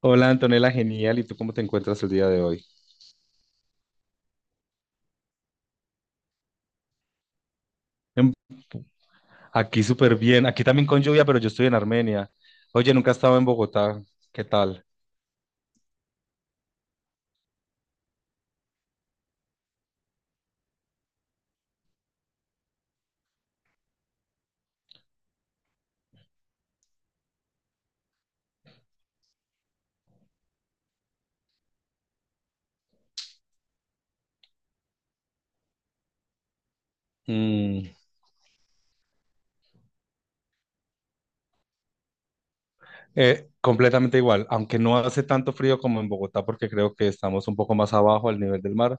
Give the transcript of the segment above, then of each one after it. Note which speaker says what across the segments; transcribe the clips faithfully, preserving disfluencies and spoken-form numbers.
Speaker 1: Hola Antonella, genial. ¿Y tú cómo te encuentras el día de hoy? En- Aquí súper bien. Aquí también con lluvia, pero yo estoy en Armenia. Oye, nunca he estado en Bogotá. ¿Qué tal? Mm, eh, Completamente igual, aunque no hace tanto frío como en Bogotá, porque creo que estamos un poco más abajo al nivel del mar,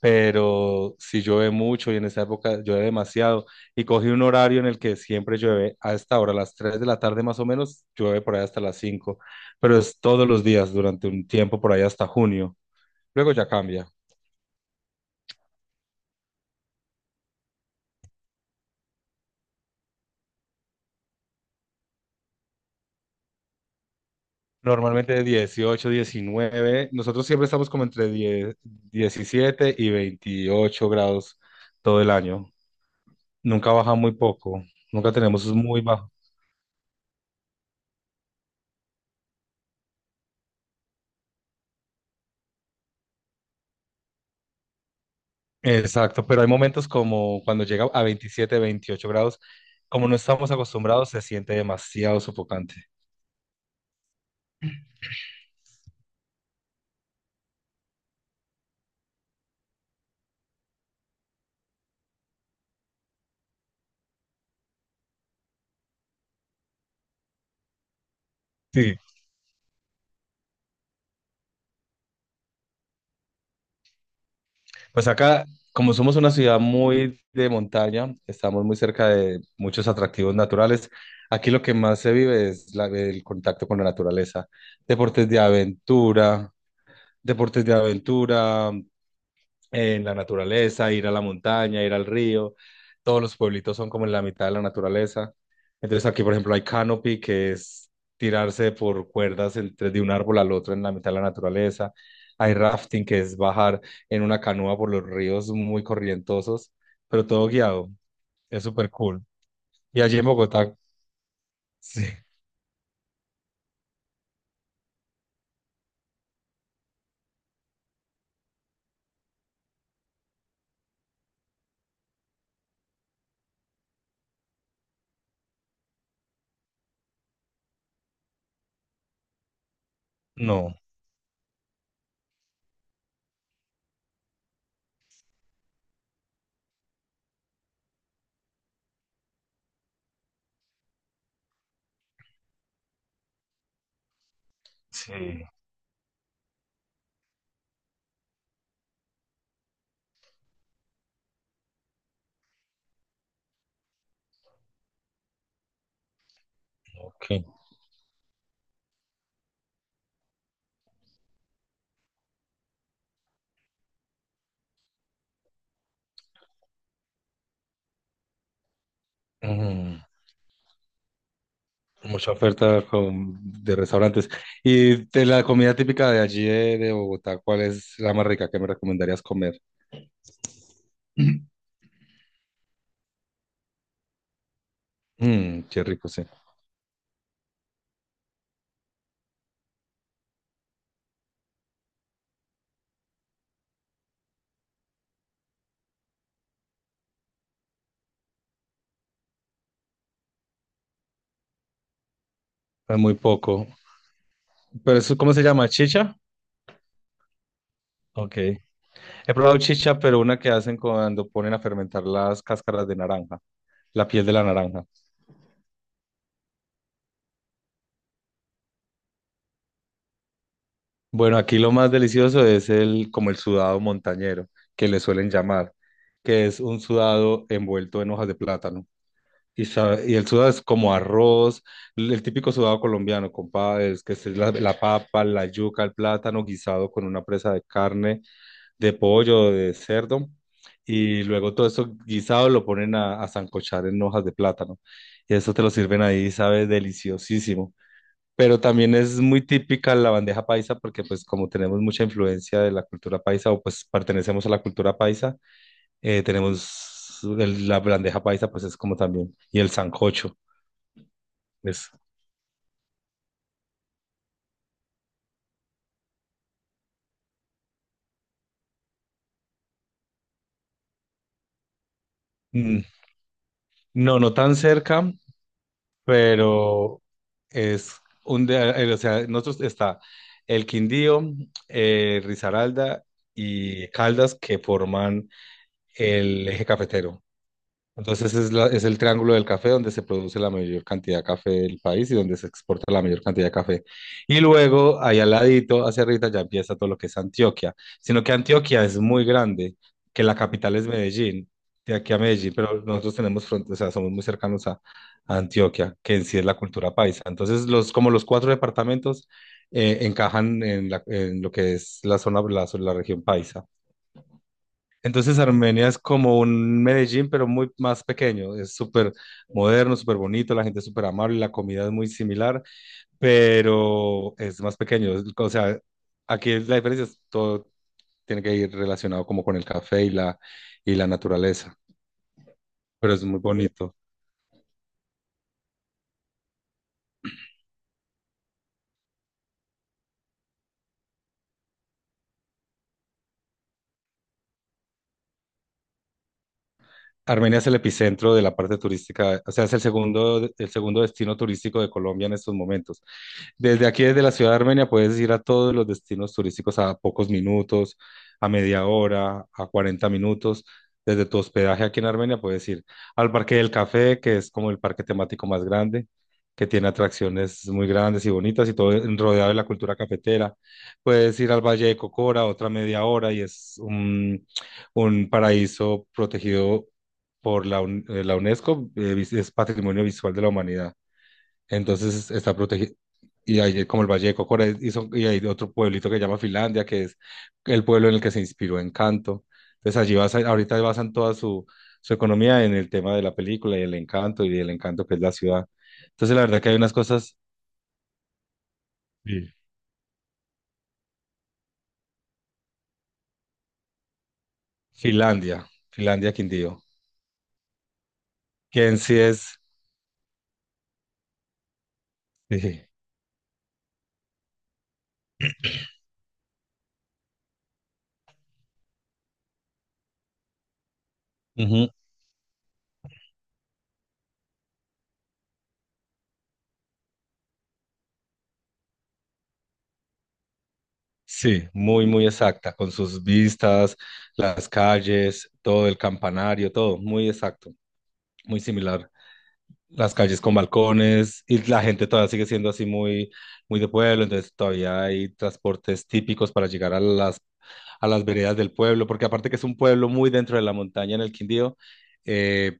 Speaker 1: pero si llueve mucho y en esa época llueve demasiado. Y cogí un horario en el que siempre llueve a esta hora, a las tres de la tarde más o menos, llueve por ahí hasta las cinco, pero es todos los días durante un tiempo por ahí hasta junio. Luego ya cambia. Normalmente de dieciocho, diecinueve. Nosotros siempre estamos como entre diez, diecisiete y veintiocho grados todo el año. Nunca baja muy poco. Nunca tenemos es muy bajo. Exacto, pero hay momentos como cuando llega a veintisiete, veintiocho grados, como no estamos acostumbrados, se siente demasiado sofocante. Sí. Pues acá, como somos una ciudad muy de montaña, estamos muy cerca de muchos atractivos naturales. Aquí lo que más se vive es la- el contacto con la naturaleza. Deportes de aventura, deportes de aventura, en la naturaleza, ir a la montaña, ir al río. Todos los pueblitos son como en la mitad de la naturaleza. Entonces aquí, por ejemplo, hay canopy, que es tirarse por cuerdas entre de un árbol al otro en la mitad de la naturaleza. Hay rafting, que es bajar en una canoa por los ríos muy corrientosos, pero todo guiado. Es súper cool. Y allí en Bogotá, sí, no, sí, ok. Mm. Mucha oferta con- de restaurantes. Y de la comida típica de allí de, de Bogotá, ¿cuál es la más rica que me recomendarías comer? Mmm, qué rico, sí. Es muy poco. Pero eso, ¿cómo se llama? ¿Chicha? Ok. He probado chicha, pero una que hacen cuando ponen a fermentar las cáscaras de naranja, la piel de la naranja. Bueno, aquí lo más delicioso es el, como el sudado montañero, que le suelen llamar, que es un sudado envuelto en hojas de plátano. Y, sabe- y el sudado es como arroz, el, el típico sudado colombiano, compadre, es que es la, la papa, la yuca, el plátano guisado con una presa de carne, de pollo, de cerdo, y luego todo eso guisado lo ponen a, a sancochar en hojas de plátano. Y eso te lo sirven ahí, sabe, deliciosísimo. Pero también es muy típica la bandeja paisa porque pues como tenemos mucha influencia de la cultura paisa o pues pertenecemos a la cultura paisa, eh, tenemos el- la bandeja paisa pues es como también, y el sancocho. Es, mm, no, no tan cerca, pero es un de, eh, o sea, nosotros está el Quindío, eh, Risaralda y Caldas que forman el eje cafetero. Entonces es, la- es el triángulo del café donde se produce la mayor cantidad de café del país y donde se exporta la mayor cantidad de café. Y luego, ahí al ladito, hacia arriba, ya empieza todo lo que es Antioquia. Sino que Antioquia es muy grande, que la capital es Medellín, de aquí a Medellín, pero nosotros tenemos fronteras, o sea, somos muy cercanos a, a Antioquia, que en sí es la cultura paisa. Entonces, los, como los cuatro departamentos eh, encajan en, la- en lo que es la zona, la la región paisa. Entonces Armenia es como un Medellín, pero muy más pequeño. Es súper moderno, súper bonito, la gente es súper amable, la comida es muy similar, pero es más pequeño. Es- O sea, aquí la diferencia es todo tiene que ir relacionado como con el café y la, y la naturaleza, pero es muy bonito. Armenia es el epicentro de la parte turística, o sea, es el segundo, el segundo destino turístico de Colombia en estos momentos. Desde aquí, desde la ciudad de Armenia, puedes ir a todos los destinos turísticos a pocos minutos, a media hora, a cuarenta minutos. Desde tu hospedaje aquí en Armenia puedes ir al Parque del Café, que es como el parque temático más grande, que tiene atracciones muy grandes y bonitas y todo en- rodeado de la cultura cafetera. Puedes ir al Valle de Cocora, otra media hora, y es un, un paraíso protegido por la, UN- eh, la UNESCO, eh, es Patrimonio Visual de la Humanidad. Entonces está protegido. Y ahí, como el Valle de Cocora, y, son- y hay otro pueblito que se llama Finlandia, que es el pueblo en el que se inspiró Encanto. Entonces allí basan ahorita basan toda su, su economía en el tema de la película y el encanto y el encanto que es la ciudad. Entonces la verdad que hay unas cosas, sí. Finlandia, Finlandia Quindío, que en sí es, sí, ujú, sí, muy, muy exacta, con sus vistas, las calles, todo el campanario, todo, muy exacto, muy similar. Las calles con balcones y la gente todavía sigue siendo así muy, muy de pueblo, entonces todavía hay transportes típicos para llegar a las, a las veredas del pueblo, porque aparte que es un pueblo muy dentro de la montaña en el Quindío, eh,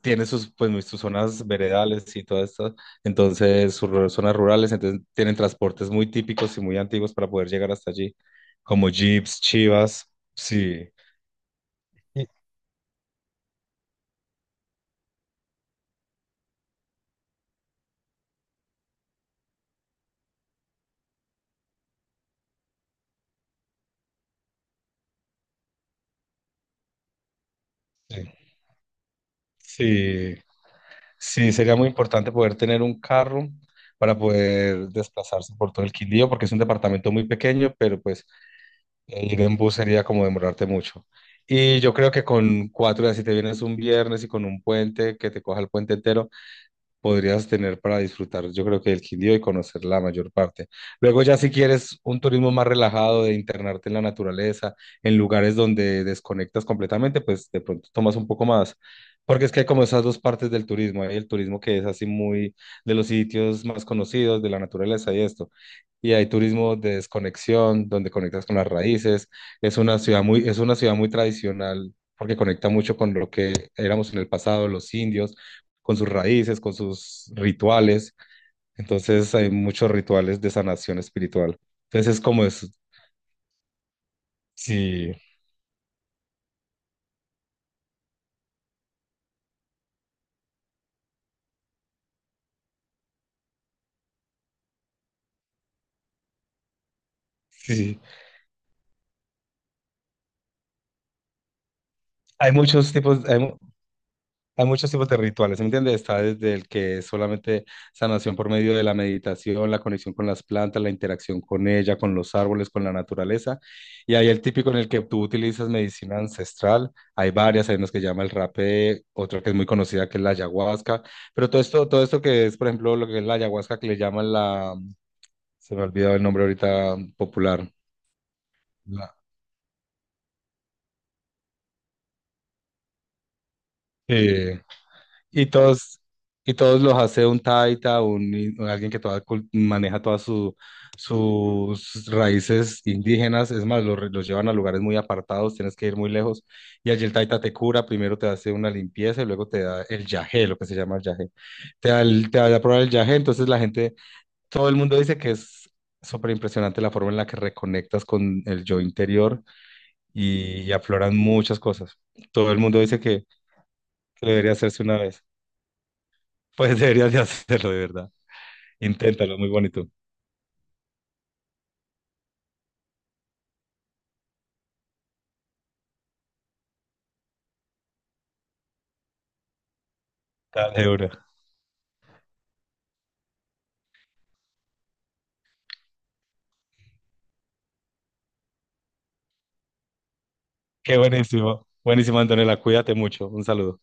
Speaker 1: tiene sus, pues, sus zonas veredales y todo esto, entonces sus ru- zonas rurales, entonces tienen transportes muy típicos y muy antiguos para poder llegar hasta allí, como jeeps, chivas, sí. Y- Sí, sí, sí, sería muy importante poder tener un carro para poder desplazarse por todo el Quindío, porque es un departamento muy pequeño, pero pues eh, ir en bus sería como demorarte mucho. Y yo creo que con cuatro días, si te vienes un viernes y con un puente, que te coja el puente entero, podrías tener para disfrutar, yo creo que el Quindío y conocer la mayor parte. Luego ya si quieres un turismo más relajado, de internarte en la naturaleza, en lugares donde desconectas completamente, pues de pronto tomas un poco más. Porque es que hay como esas dos partes del turismo, hay el turismo que es así muy de los sitios más conocidos, de la naturaleza y esto y hay turismo de desconexión, donde conectas con las raíces. Es una ciudad muy, es una ciudad muy tradicional porque conecta mucho con lo que éramos en el pasado, los indios, con sus raíces, con sus rituales. Entonces hay muchos rituales de sanación espiritual. Entonces es como es, sí, sí, sí. Hay muchos tipos, hay, Hay muchos tipos de rituales, ¿sí? ¿Me entiendes? Está desde el que es solamente sanación por medio de la meditación, la conexión con las plantas, la interacción con ella, con los árboles, con la naturaleza. Y hay el típico en el que tú utilizas medicina ancestral. Hay varias, hay unos que llama el rapé, otra que es muy conocida que es la ayahuasca. Pero todo esto, todo esto que es, por ejemplo, lo que es la ayahuasca que le llaman la, se me ha olvidado el nombre ahorita popular. La, sí. Y todos, y todos los hace un taita, un, in- alguien que toda cul- maneja todas su- sus raíces indígenas. Es más, los, re- los llevan a lugares muy apartados, tienes que ir muy lejos. Y allí el taita te cura, primero te hace una limpieza y luego te da el yagé, lo que se llama el yagé. Te da, el- te da a probar el yagé, entonces la gente, todo el mundo dice que es súper impresionante la forma en la que reconectas con el yo interior y, y afloran muchas cosas. Todo el mundo dice que, que debería hacerse una vez. Pues deberías de hacerlo, de verdad. Inténtalo, muy bonito. Dale, seguro. Qué buenísimo. Buenísimo, Antonella. Cuídate mucho. Un saludo.